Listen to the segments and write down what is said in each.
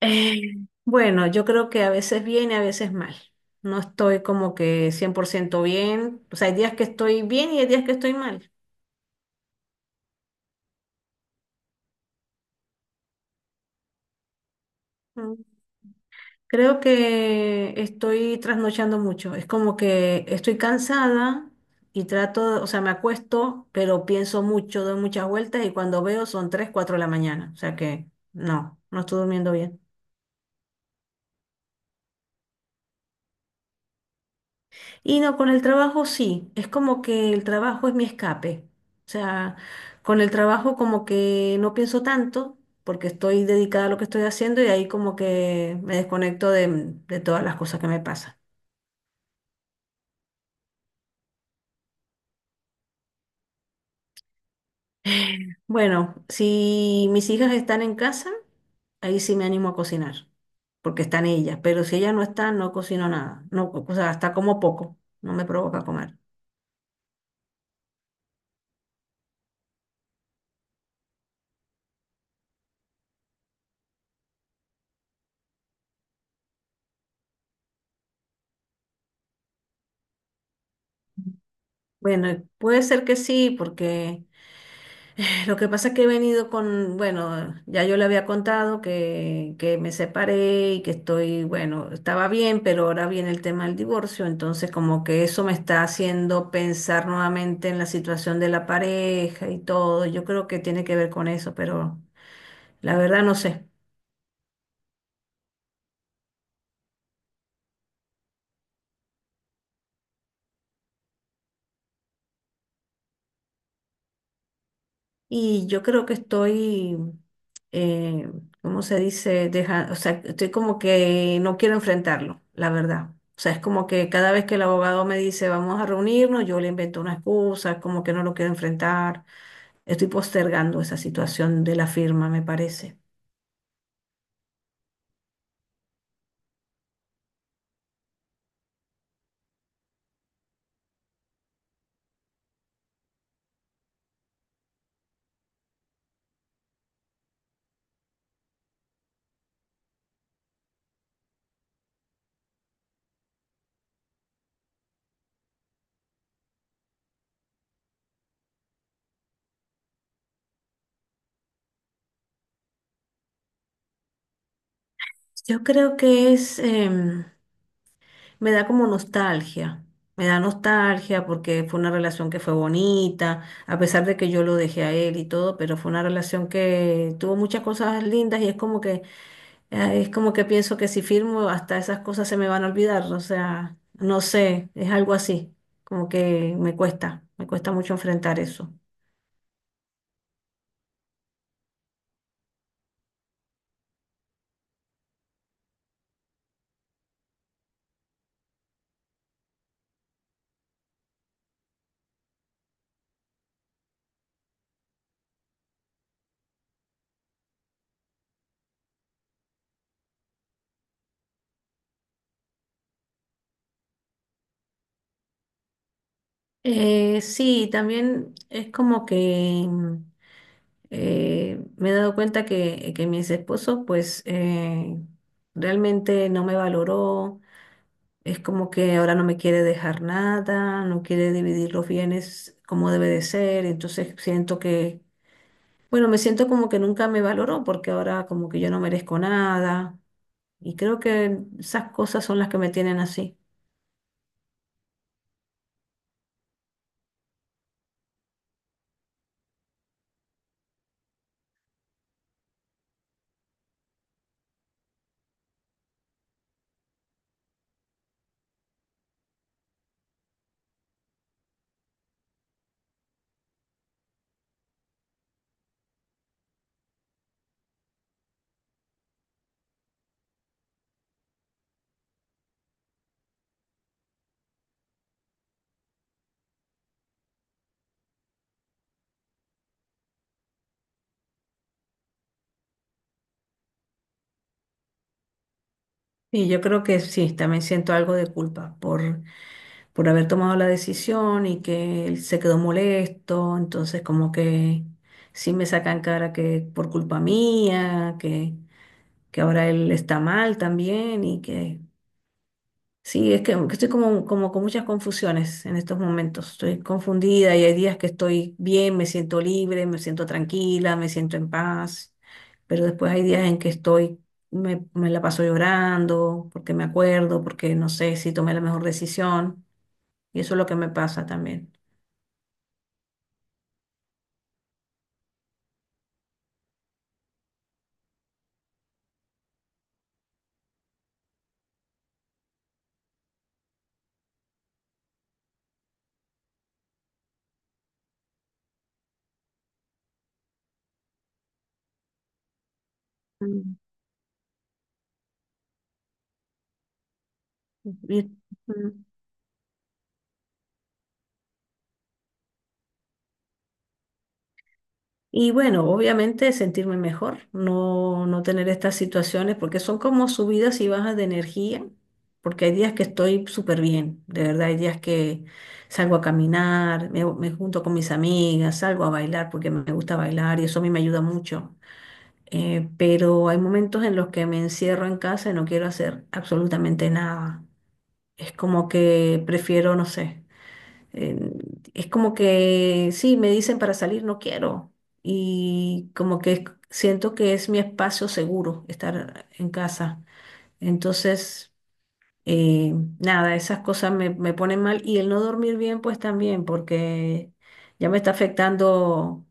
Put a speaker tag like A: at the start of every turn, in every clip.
A: Eh, bueno, yo creo que a veces bien y a veces mal. No estoy como que 100% bien. O sea, hay días que estoy bien y hay días que estoy mal. Mm, Creo que estoy trasnochando mucho. Es como que estoy cansada y trato, o sea, me acuesto, pero pienso mucho, doy muchas vueltas y cuando veo son 3, 4 de la mañana. O sea que no, no estoy durmiendo bien. Y no, con el trabajo sí, es como que el trabajo es mi escape. O sea, con el trabajo como que no pienso tanto porque estoy dedicada a lo que estoy haciendo y ahí como que me desconecto de todas las cosas que me pasan. Bueno, si mis hijas están en casa, ahí sí me animo a cocinar, porque están ellas, pero si ellas no están, no cocino nada. No, o sea, hasta como poco, no me provoca comer. Bueno, puede ser que sí, porque… lo que pasa es que he venido con, bueno, ya yo le había contado que me separé y que estoy, bueno, estaba bien, pero ahora viene el tema del divorcio, entonces como que eso me está haciendo pensar nuevamente en la situación de la pareja y todo. Yo creo que tiene que ver con eso, pero la verdad no sé. Y yo creo que estoy, eh, ¿cómo se dice? Deja, o sea, estoy como que no quiero enfrentarlo, la verdad. O sea, es como que cada vez que el abogado me dice vamos a reunirnos, yo le invento una excusa, como que no lo quiero enfrentar. Estoy postergando esa situación de la firma, me parece. Yo creo que es, me da como nostalgia, me da nostalgia porque fue una relación que fue bonita, a pesar de que yo lo dejé a él y todo, pero fue una relación que tuvo muchas cosas lindas y es como que pienso que si firmo hasta esas cosas se me van a olvidar, o sea, no sé, es algo así, como que me cuesta mucho enfrentar eso. Sí, también es como que me he dado cuenta que mi ex esposo, pues, realmente no me valoró. Es como que ahora no me quiere dejar nada, no quiere dividir los bienes como debe de ser. Entonces siento que, bueno, me siento como que nunca me valoró porque ahora como que yo no merezco nada. Y creo que esas cosas son las que me tienen así. Y yo creo que sí, también siento algo de culpa por haber tomado la decisión y que él se quedó molesto, entonces como que sí me sacan cara que por culpa mía, que ahora él está mal también y que… sí, es que estoy como, como con muchas confusiones en estos momentos. Estoy confundida y hay días que estoy bien, me siento libre, me siento tranquila, me siento en paz, pero después hay días en que estoy, me la paso llorando porque me acuerdo, porque no sé si tomé la mejor decisión y eso es lo que me pasa también. Mm. Y- Mm. Y bueno, obviamente sentirme mejor, no, no tener estas situaciones, porque son como subidas y bajas de energía, porque hay días que estoy súper bien, de verdad, hay días que salgo a caminar, me junto con mis amigas, salgo a bailar porque me gusta bailar y eso a mí me ayuda mucho. Pero hay momentos en los que me encierro en casa y no quiero hacer absolutamente nada. Es como que prefiero, no sé. Eh, es como que, sí, me dicen para salir, no quiero. Y como que siento que es mi espacio seguro estar en casa. Entonces, eh, nada, esas cosas me, me ponen mal. Y el no dormir bien, pues también, porque ya me está afectando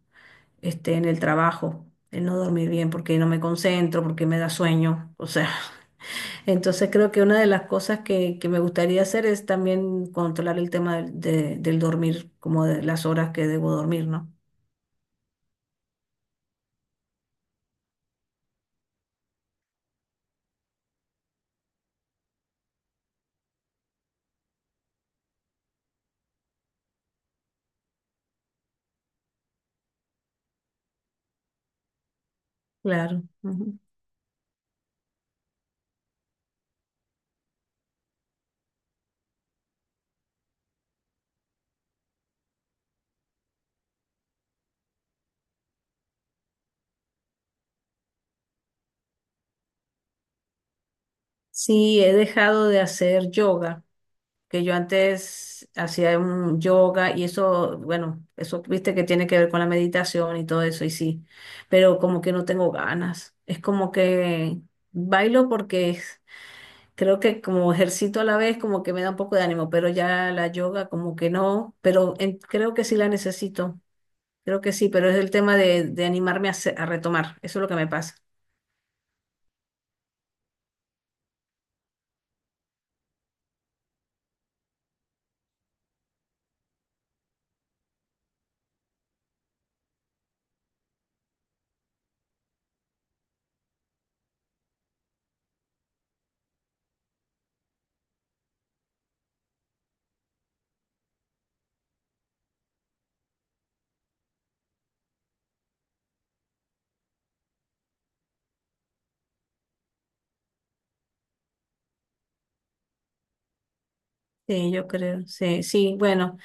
A: este, en el trabajo, el no dormir bien, porque no me concentro, porque me da sueño. O sea. Entonces creo que una de las cosas que me gustaría hacer es también controlar el tema del dormir, como de las horas que debo dormir, ¿no? Claro, ujú. Sí, he dejado de hacer yoga, que yo antes hacía un yoga y eso, bueno, eso viste que tiene que ver con la meditación y todo eso, y sí, pero como que no tengo ganas. Es como que bailo porque creo que como ejercito a la vez como que me da un poco de ánimo, pero ya la yoga como que no, pero creo que sí la necesito, creo que sí, pero es el tema de animarme a, hacer- a retomar, eso es lo que me pasa. Sí, yo creo, sí, sí, bueno,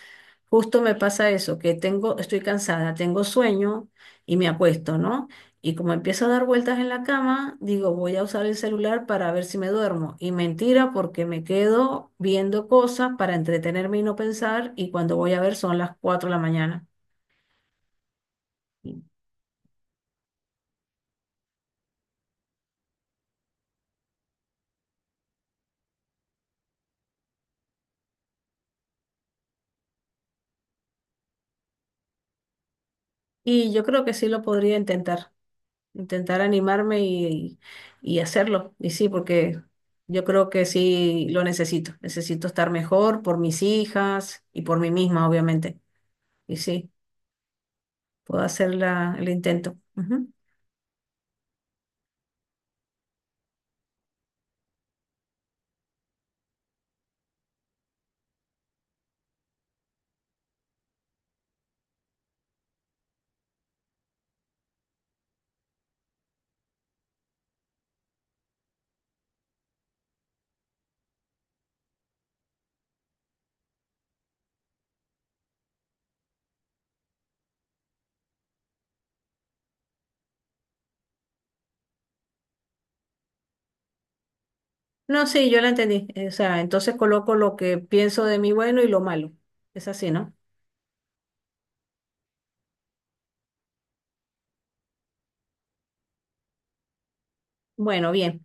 A: justo me pasa eso, que tengo, estoy cansada, tengo sueño y me acuesto, ¿no? Y como empiezo a dar vueltas en la cama, digo, voy a usar el celular para ver si me duermo. Y mentira, porque me quedo viendo cosas para entretenerme y no pensar, y cuando voy a ver son las 4 de la mañana. Y yo creo que sí lo podría intentar, intentar animarme y hacerlo. Y sí, porque yo creo que sí lo necesito. Necesito estar mejor por mis hijas y por mí misma, obviamente. Y sí, puedo hacer la, el intento. Ujú. No, sí, yo la entendí. O sea, entonces coloco lo que pienso de mí bueno y lo malo. Es así, ¿no? Bueno, bien.